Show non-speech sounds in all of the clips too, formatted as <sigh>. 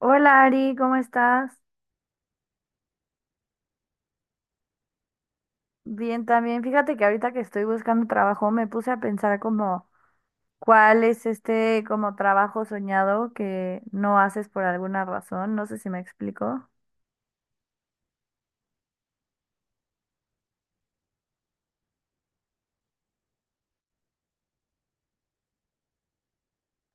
Hola Ari, ¿cómo estás? Bien también. Fíjate que ahorita que estoy buscando trabajo me puse a pensar como cuál es este como trabajo soñado que no haces por alguna razón. No sé si me explico.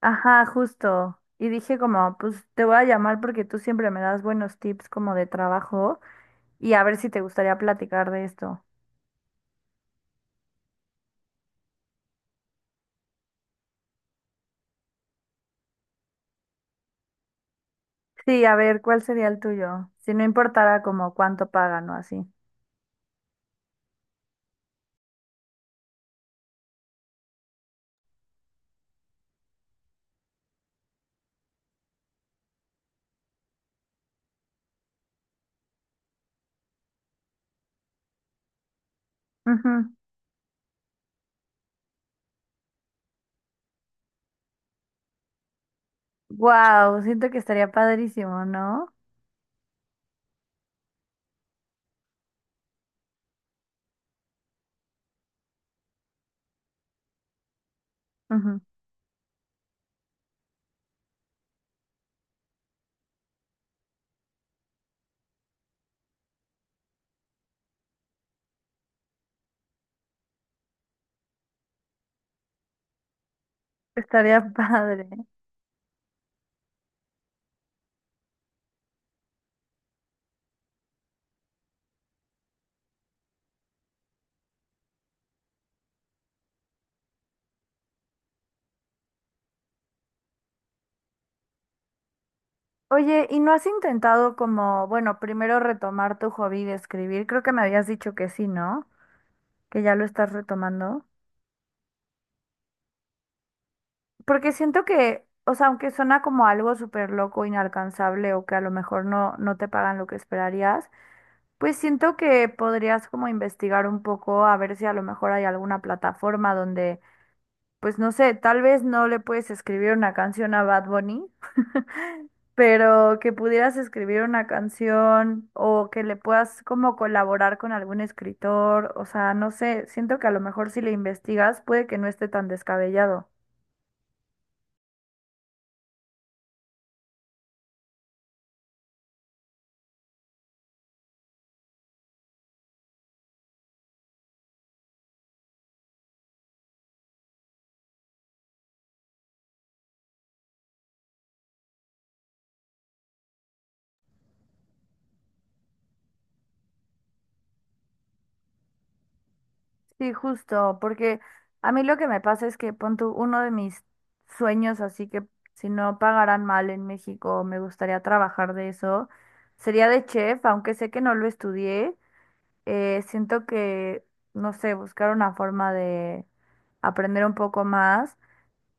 Ajá, justo. Y dije como, pues te voy a llamar porque tú siempre me das buenos tips como de trabajo y a ver si te gustaría platicar de esto. Sí, a ver, ¿cuál sería el tuyo? Si no importara como cuánto pagan o así. Wow, siento que estaría padrísimo, ¿no? Ujú. Estaría <laughs> padre. Oye, ¿y no has intentado como, bueno, primero retomar tu hobby de escribir? Creo que me habías dicho que sí, ¿no? Que ya lo estás retomando. Porque siento que, o sea, aunque suena como algo súper loco, inalcanzable o que a lo mejor no, no te pagan lo que esperarías, pues siento que podrías como investigar un poco a ver si a lo mejor hay alguna plataforma donde, pues no sé, tal vez no le puedes escribir una canción a Bad Bunny, pero que pudieras escribir una canción o que le puedas como colaborar con algún escritor, o sea, no sé, siento que a lo mejor si le investigas puede que no esté tan descabellado. Sí, justo, porque a mí lo que me pasa es que pon tú, uno de mis sueños, así que si no pagaran mal en México, me gustaría trabajar de eso, sería de chef, aunque sé que no lo estudié, siento que, no sé, buscar una forma de aprender un poco más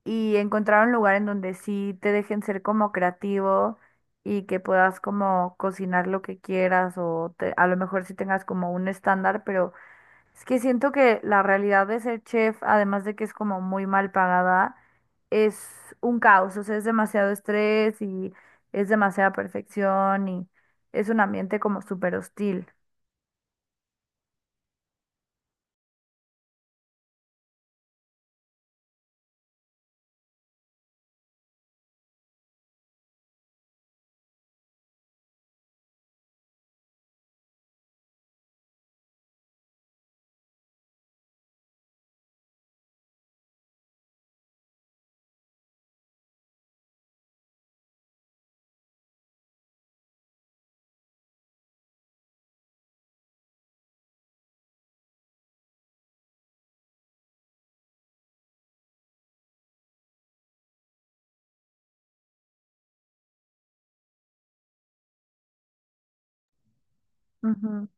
y encontrar un lugar en donde sí te dejen ser como creativo y que puedas como cocinar lo que quieras o a lo mejor sí tengas como un estándar, pero es que siento que la realidad de ser chef, además de que es como muy mal pagada, es un caos, o sea, es demasiado estrés y es demasiada perfección y es un ambiente como súper hostil. Ujú.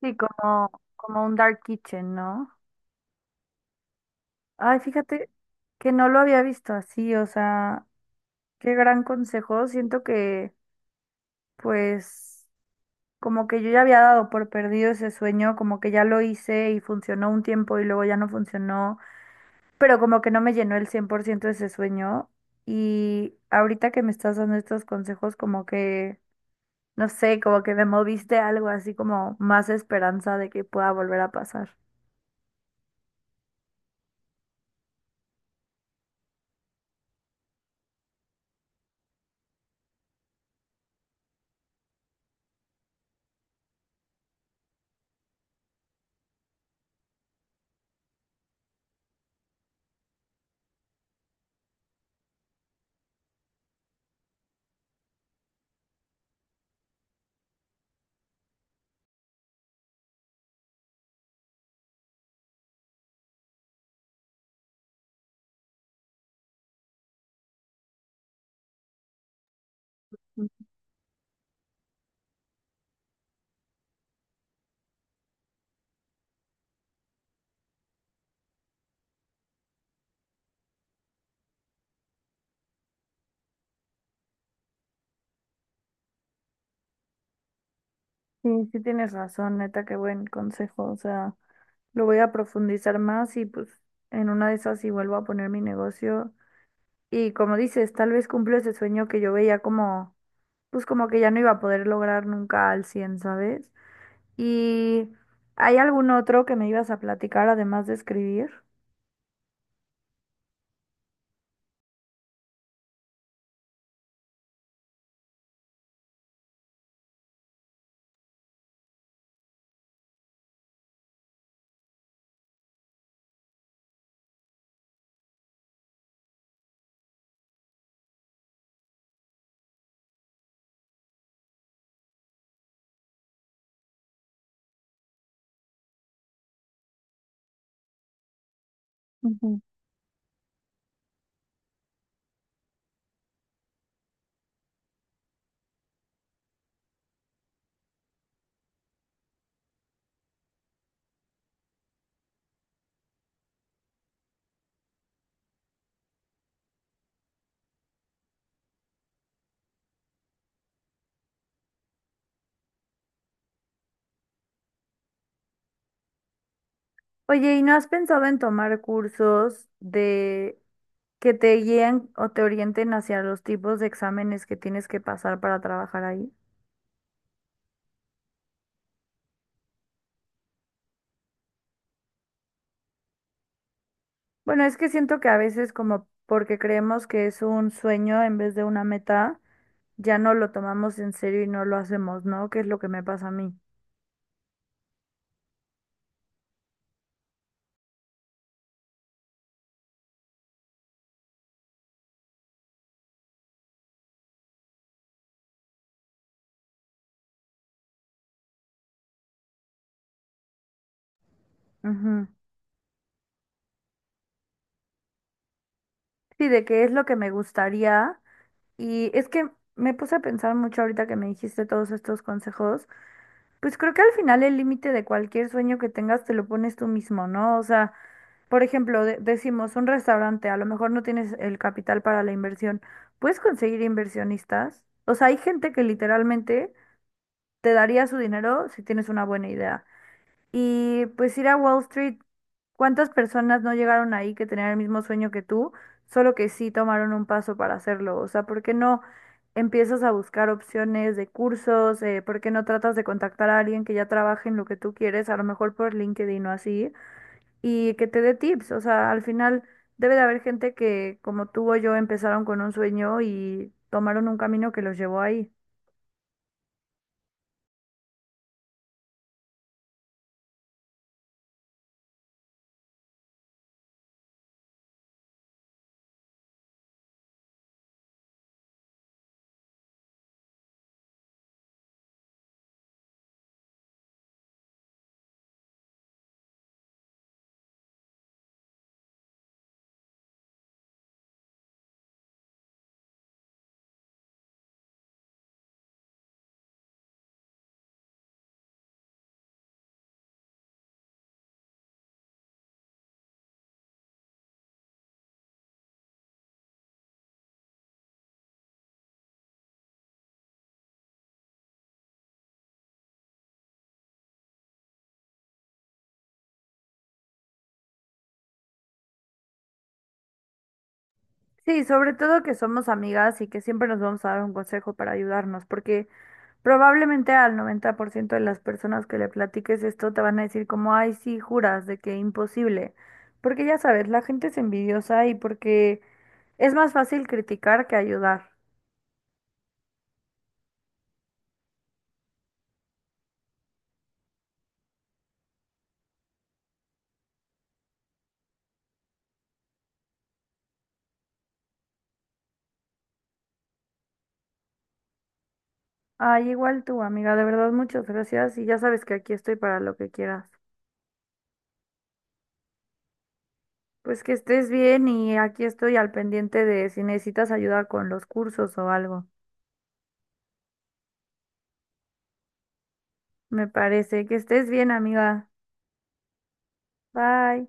Sí, como un dark kitchen, ¿no? Ay, fíjate que no lo había visto así, o sea... Qué gran consejo. Siento que, pues, como que yo ya había dado por perdido ese sueño, como que ya lo hice y funcionó un tiempo y luego ya no funcionó, pero como que no me llenó el 100% ese sueño. Y ahorita que me estás dando estos consejos, como que, no sé, como que me moviste algo así como más esperanza de que pueda volver a pasar. Sí, sí tienes razón, neta, qué buen consejo. O sea, lo voy a profundizar más y pues en una de esas si vuelvo a poner mi negocio. Y como dices, tal vez cumplió ese sueño que yo veía como, pues como que ya no iba a poder lograr nunca al 100 ¿sabes? ¿Y hay algún otro que me ibas a platicar además de escribir? Ujú. Oye, ¿y no has pensado en tomar cursos de que te guíen o te orienten hacia los tipos de exámenes que tienes que pasar para trabajar ahí? Bueno, es que siento que a veces como porque creemos que es un sueño en vez de una meta, ya no lo tomamos en serio y no lo hacemos, ¿no? Que es lo que me pasa a mí. Ujú. Sí, de qué es lo que me gustaría. Y es que me puse a pensar mucho ahorita que me dijiste todos estos consejos. Pues creo que al final el límite de cualquier sueño que tengas te lo pones tú mismo, ¿no? O sea, por ejemplo, decimos un restaurante, a lo mejor no tienes el capital para la inversión. ¿Puedes conseguir inversionistas? O sea, hay gente que literalmente te daría su dinero si tienes una buena idea. Y pues ir a Wall Street, ¿cuántas personas no llegaron ahí que tenían el mismo sueño que tú, solo que sí tomaron un paso para hacerlo? O sea, ¿por qué no empiezas a buscar opciones de cursos? ¿Por qué no tratas de contactar a alguien que ya trabaje en lo que tú quieres, a lo mejor por LinkedIn o así, y que te dé tips? O sea, al final debe de haber gente que, como tú o yo, empezaron con un sueño y tomaron un camino que los llevó ahí. Sí, sobre todo que somos amigas y que siempre nos vamos a dar un consejo para ayudarnos, porque probablemente al 90% de las personas que le platiques esto te van a decir como, ay, sí, juras de que imposible, porque ya sabes, la gente es envidiosa y porque es más fácil criticar que ayudar. Ay, igual tú, amiga, de verdad, muchas gracias y ya sabes que aquí estoy para lo que quieras. Pues que estés bien y aquí estoy al pendiente de si necesitas ayuda con los cursos o algo. Me parece que estés bien, amiga. Bye.